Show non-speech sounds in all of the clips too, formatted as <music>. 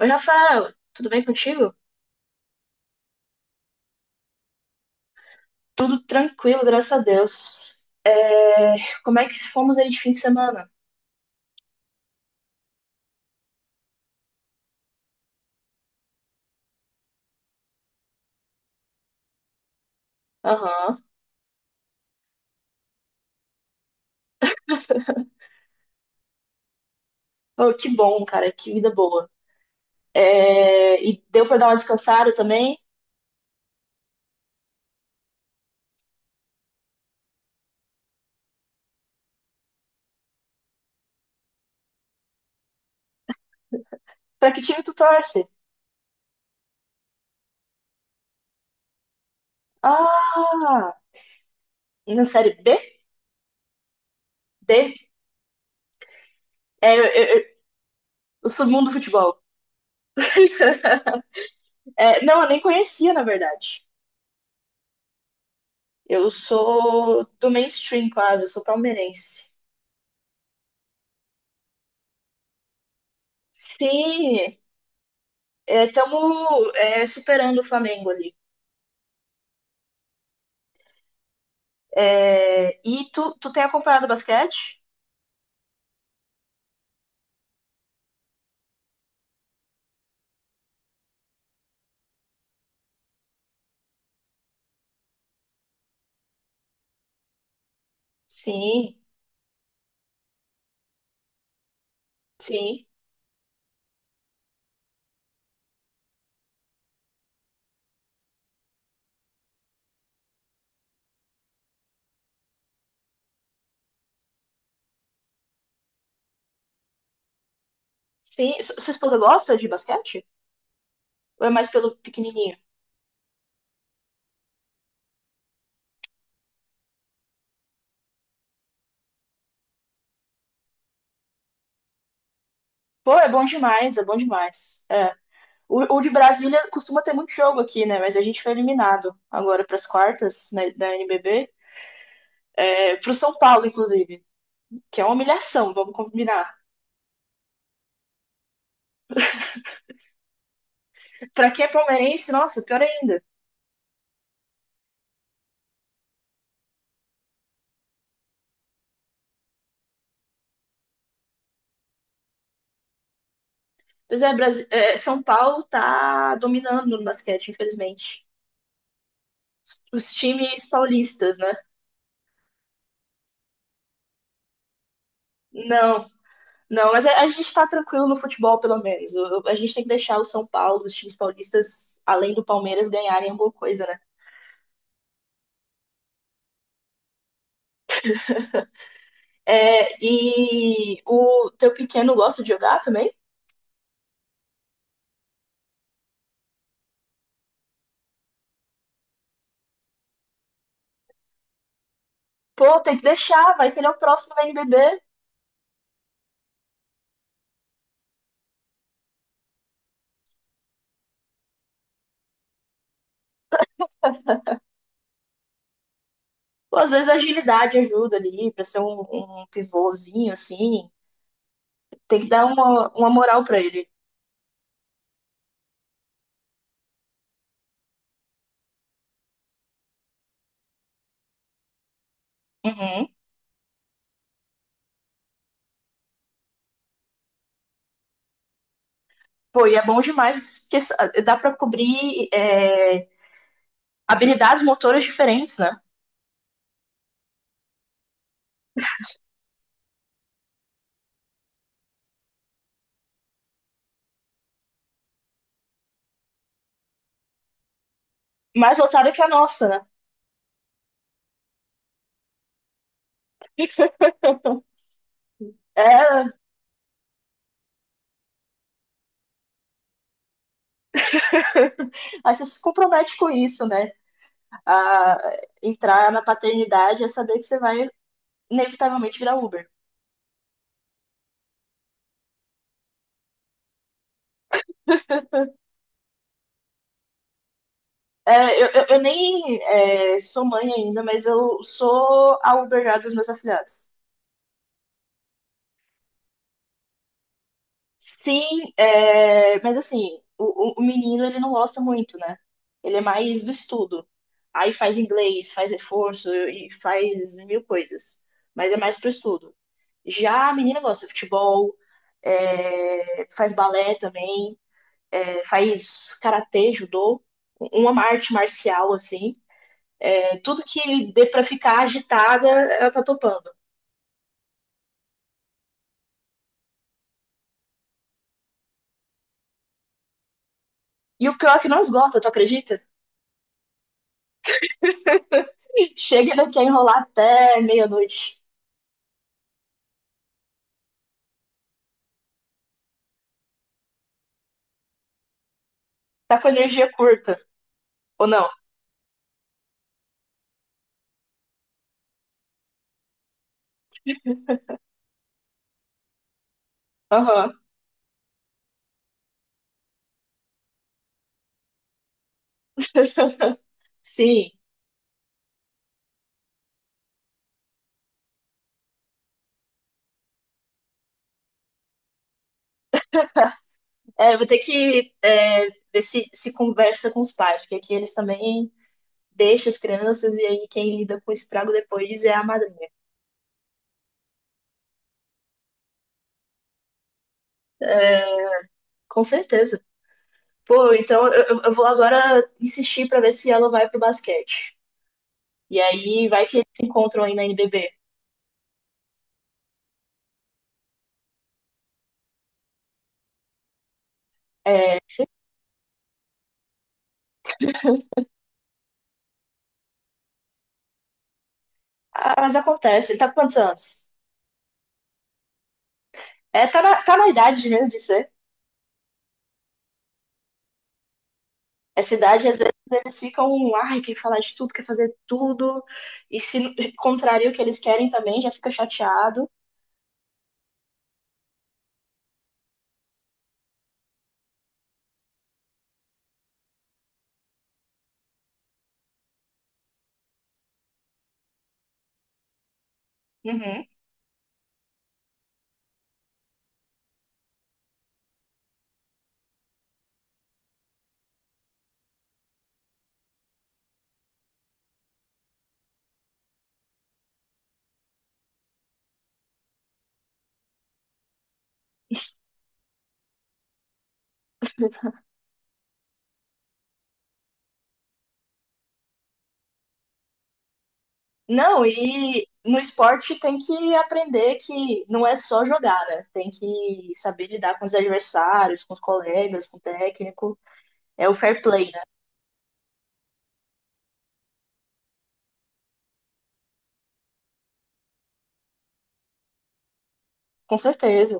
Oi, Rafael, tudo bem contigo? Tudo tranquilo, graças a Deus. Como é que fomos aí de fim de semana? Aham. Pô, que bom, cara, que vida boa. E deu pra dar uma descansada também? Pra que time tu torce? Ah, na série B? D? É, eu- eu- eu- o submundo do futebol. <laughs> É, não, eu nem conhecia, na verdade. Eu sou do mainstream quase, eu sou palmeirense. Sim, estamos superando o Flamengo ali. É, e tu tem acompanhado basquete? Sim, sim, sim. Sua esposa gosta de basquete? Ou é mais pelo pequenininho? Pô, é bom demais, é bom demais. É. O de Brasília costuma ter muito jogo aqui, né? Mas a gente foi eliminado agora para as quartas, né, da NBB. É, pro São Paulo, inclusive. Que é uma humilhação, vamos combinar. Pra quem é palmeirense, nossa, pior ainda. Pois é, São Paulo tá dominando no basquete, infelizmente. Os times paulistas, né? Não, não, mas a gente tá tranquilo no futebol, pelo menos. A gente tem que deixar o São Paulo, os times paulistas, além do Palmeiras, ganharem alguma coisa, né? É, e o teu pequeno gosta de jogar também? Pô, tem que deixar, vai que ele é o próximo da NBB. Pô, às vezes a agilidade ajuda ali, pra ser um pivôzinho, assim. Tem que dar uma moral pra ele. Uhum. Pô, e é bom demais, dá pra cobrir habilidades motoras diferentes, né? Mais lotada que a nossa, né? Então, é, <laughs> aí você se compromete com isso, né? A entrar na paternidade é saber que você vai inevitavelmente virar Uber. É, eu nem é, sou mãe ainda, mas eu sou a Uber já dos meus afilhados. Sim, é, mas assim, o menino ele não gosta muito, né? Ele é mais do estudo. Aí faz inglês, faz reforço e faz mil coisas. Mas é mais pro estudo. Já a menina gosta de futebol, é, faz balé também. É, faz karatê, judô, uma arte marcial, assim. É, tudo que dê pra ficar agitada, ela tá topando. E o pior é que não esgota, tu acredita? <laughs> Chega daqui a enrolar até meia-noite. Tá com energia curta, ou não? Aham. <laughs> Sim. É, vou ter que ver se conversa com os pais, porque aqui eles também deixam as crianças e aí quem lida com o estrago depois é a madrinha. Com certeza. Pô, então eu vou agora insistir pra ver se ela vai pro basquete. E aí vai que eles se encontram aí na NBB. É, ah, mas acontece, ele tá com quantos anos? É, tá na idade mesmo de ser. Essa idade, às vezes, eles ficam, ai, quer falar de tudo, quer fazer tudo. E se contraria o que eles querem também, já fica chateado. Uhum. Não, e no esporte tem que aprender que não é só jogar, né? Tem que saber lidar com os adversários, com os colegas, com o técnico. É o fair play, né? Com certeza.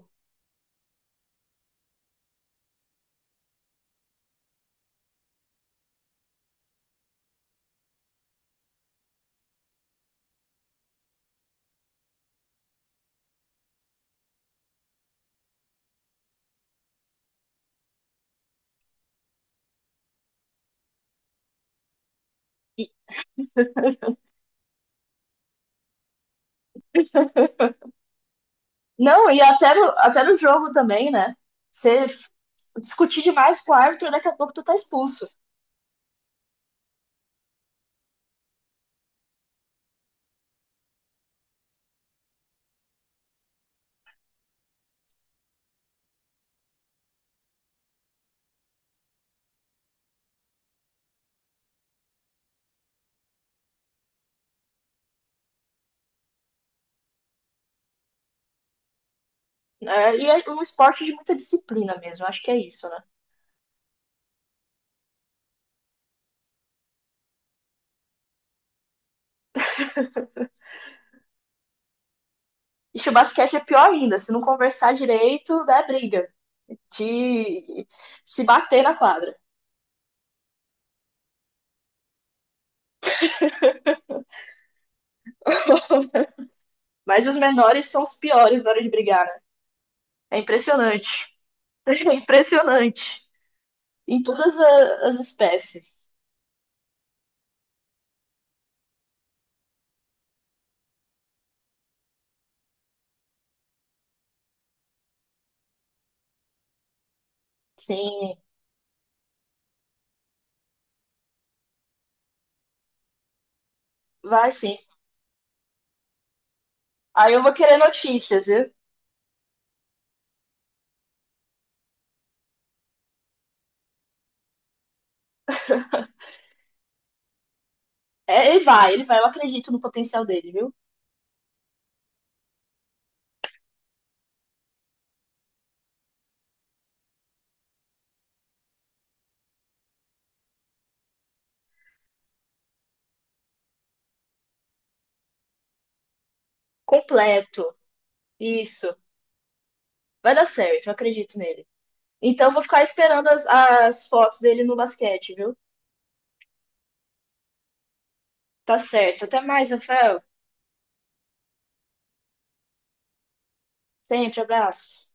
E- <laughs> não, e até no jogo também, né? Você f- Discutir demais com o árbitro, daqui a pouco tu tá expulso. Né? E é um esporte de muita disciplina mesmo, acho que é isso, né? E o basquete é pior ainda, se não conversar direito, dá briga. De se bater na quadra. <laughs> Mas os menores são os piores na hora de brigar, né? É impressionante. <laughs> É impressionante. As espécies. Sim, vai sim. Aí eu vou querer notícias, viu? É, ele vai. Eu acredito no potencial dele, viu? Completo. Isso. Vai dar certo, eu acredito nele. Então eu vou ficar esperando as fotos dele no basquete, viu? Tá certo. Até mais, Rafael. Sempre, abraço.